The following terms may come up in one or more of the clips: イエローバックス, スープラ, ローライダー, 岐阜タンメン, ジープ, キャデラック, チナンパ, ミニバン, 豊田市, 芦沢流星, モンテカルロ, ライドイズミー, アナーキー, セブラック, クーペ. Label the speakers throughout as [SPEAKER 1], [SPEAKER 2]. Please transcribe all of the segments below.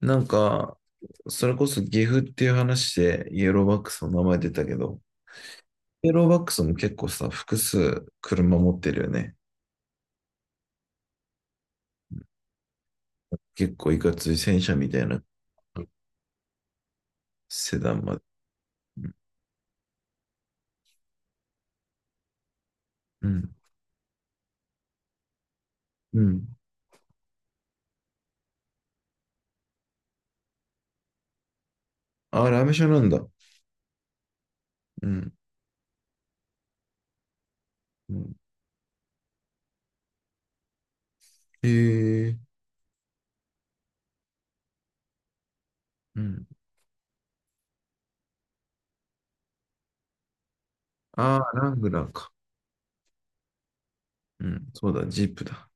[SPEAKER 1] なんか、それこそ岐阜っていう話でイエローバックスの名前出たけど、イエローバックスも結構さ、複数車持ってるよね。結構いかつい戦車みたいなセダンまで。うん。うん。あ、ラメ車なんだ。うん。うん。へえ。うん。ああ、ラングラーか。うん。そうだ、ジープだ。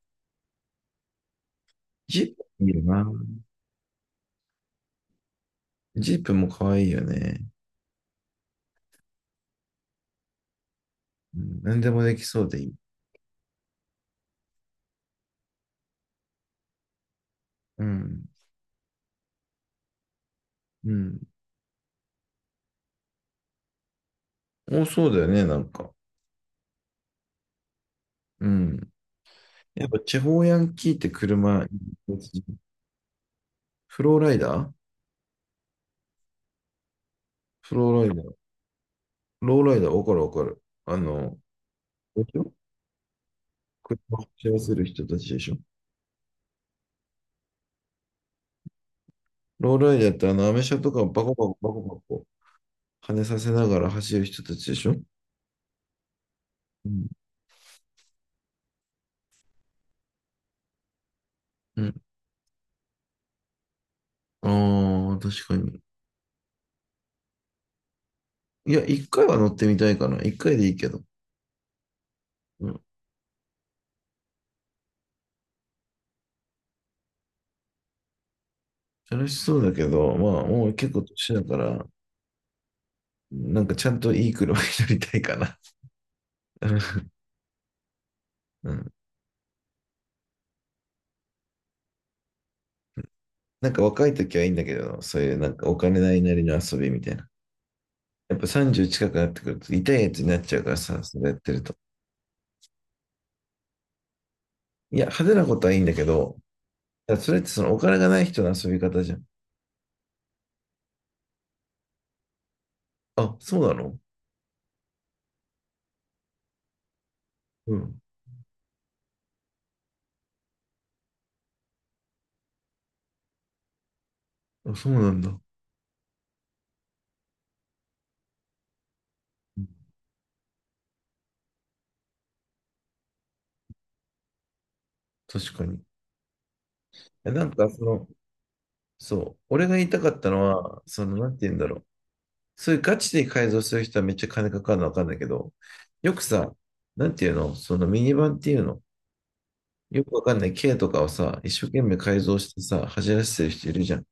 [SPEAKER 1] ジープいいよな。ジープも可愛いよね。うん。何でもできそうでいい。うん。うん。お、そうだよね、なんか。うん。やっぱ地方ヤンキーって車、フローライダーフローライダー。ローライダー、わかるわかる。あの、でしょ？車を走らせる人たちでしょ？ローライダーってあの、アメ車とかバコバコバコバコ跳ねさせながら走る人たちでしょ？うん。うん。ああ、確かに。いや、一回は乗ってみたいかな。一回でいいけど。うん。楽しそうだけど、まあ、もう結構年だから、なんかちゃんといい車に乗りたいかな。うん。なんか若い時はいいんだけど、そういうなんかお金ないなりの遊びみたいな。やっぱ30近くなってくると痛いやつになっちゃうからさ、それやってると。いや、派手なことはいいんだけど、だからそれってそのお金がない人の遊び方じゃん。あ、そうなの？うん。あ、そうなんだ。確かに。え、なんかその、そう、俺が言いたかったのは、その、なんて言うんだろう。そういうガチで改造する人はめっちゃ金かかるのわかんないけど、よくさ、なんていうの、そのミニバンっていうの、よくわかんない K とかをさ、一生懸命改造してさ、走らせてる人いるじゃん。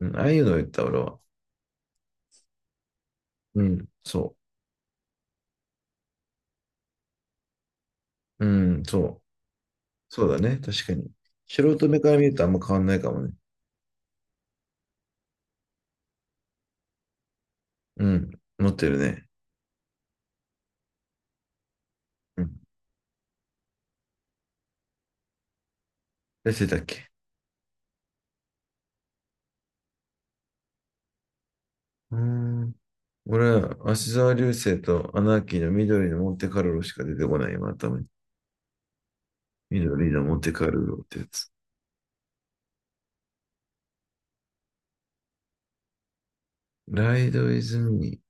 [SPEAKER 1] うん、ああいうのを言った、俺は。うん、そう。うん、そう。そうだね、確かに。素人目から見るとあんま変わんないかもね。うん、持ってるね。うん。出てたっけ？うーん。俺は、芦沢流星とアナーキーの緑のモンテカルロしか出てこない、今頭に。緑のモンテカルロってやつ。ライドイズミー。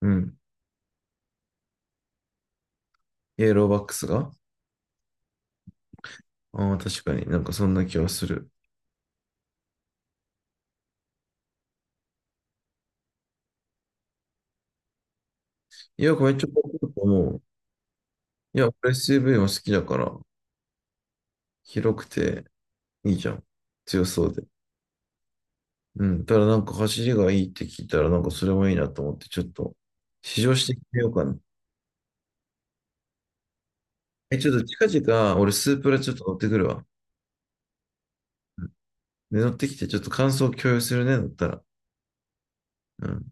[SPEAKER 1] うん。イエローバックスが。ああー、確かになんかそんな気はする。いや、これちょっと思う。いや、俺 SUV も好きだから、広くていいじゃん。強そうで。うん。ただなんか走りがいいって聞いたら、なんかそれもいいなと思って、ちょっと試乗してみようかな。え、ちょっと近々、俺スープラちょっと乗ってくるわ。で、乗ってきて、ちょっと感想共有するね、乗ったら。うん。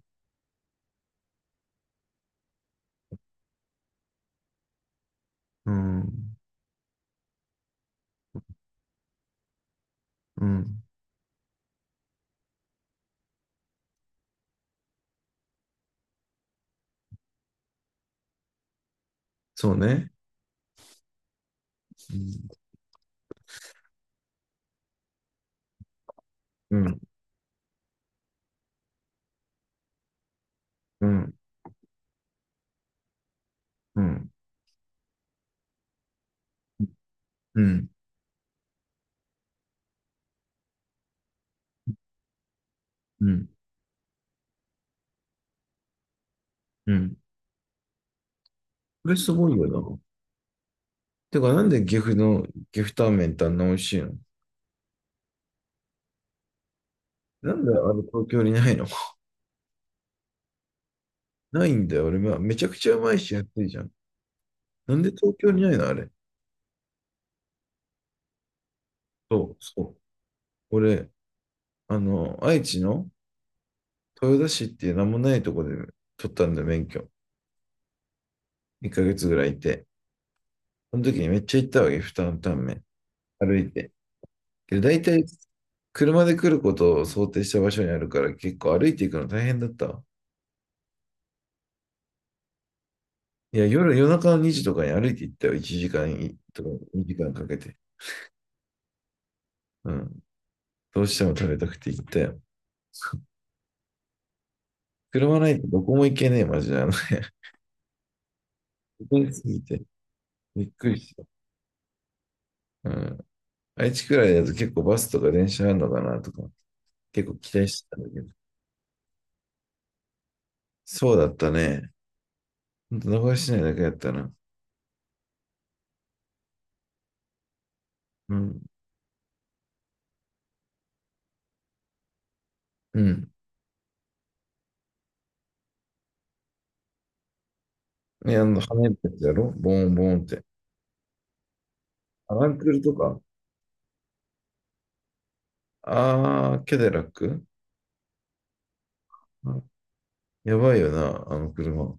[SPEAKER 1] うん。うん。そうね。うん。うん。うん。うん。うん。うん。これすごいよな。てか、なんで岐阜の岐阜タンメンってあんな美味しいの？なんであれ東京にないの？ないんだよ。俺、はめちゃくちゃうまいし安いじゃん。なんで東京にないの、あれ。そう、そう。俺、あの、愛知の豊田市っていう名もないとこで取ったんだよ、免許。1ヶ月ぐらいいて。その時にめっちゃ行ったわけ、負担タンメン。歩いて。けど大体、車で来ることを想定した場所にあるから、結構歩いていくの大変だったわ。いや、夜中の2時とかに歩いて行ったよ。1時間とか2時間かけて。うん。どうしても食べたくて行ったよ。車ないとどこも行けねえ、マジで。あの通り過ぎて、びっくりした。うん。愛知くらいだと結構バスとか電車あるのかなとか、結構期待してたんだけど。そうだったね。ほんと、名古屋市内だけやったな。うん。うん。ね、あの、跳ねてやつやろボーンボーンって。アランクルとか。あー、キャデラック。あ、やばいよな、あの車。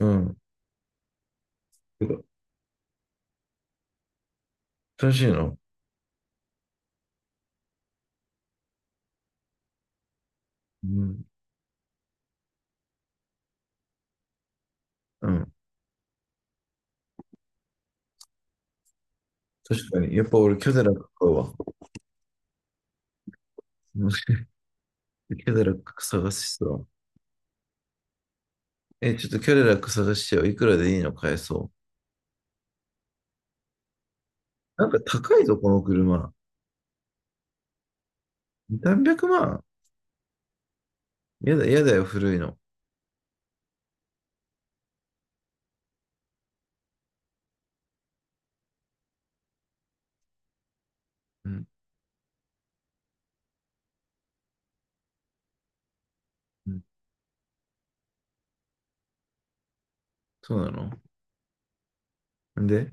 [SPEAKER 1] うん。てか楽しいの？うん。うん。確かに。やっぱ俺、キャデラック買うわ。うん。キャデラック探しそう。え、ちょっとキャデラック探してよ。いくらでいいの買えそう？なんか高いぞ、この車。300万？やだ、やだよ、古いの。うん。うん。そうなの？んで、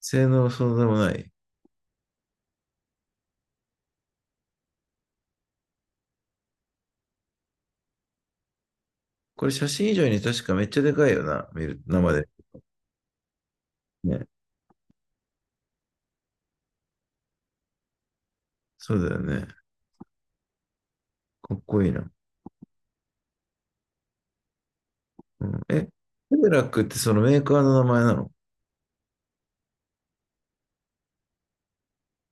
[SPEAKER 1] 性能そうでもない。これ写真以上に確かめっちゃでかいよな、見る、生で。ね。そうだよね。かっこいいな。うん、え、セブラックってそのメーカーの名前なの？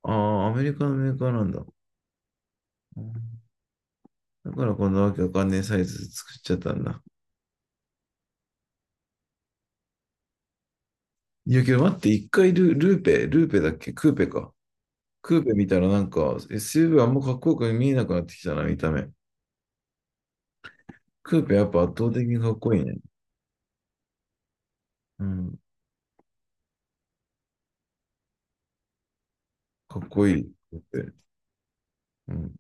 [SPEAKER 1] ああー、アメリカのメーカーなんだ。うん。だからこんなわけわかんねえサイズ作っちゃったんだ。いやけど待って、一回ルーペだっけクーペか。クーペ見たらなんか SUV あんまかっこよく見えなくなってきたな、見た目。クーペやっぱ圧倒的にかっこいいね。うん。かっこいい。って。うん。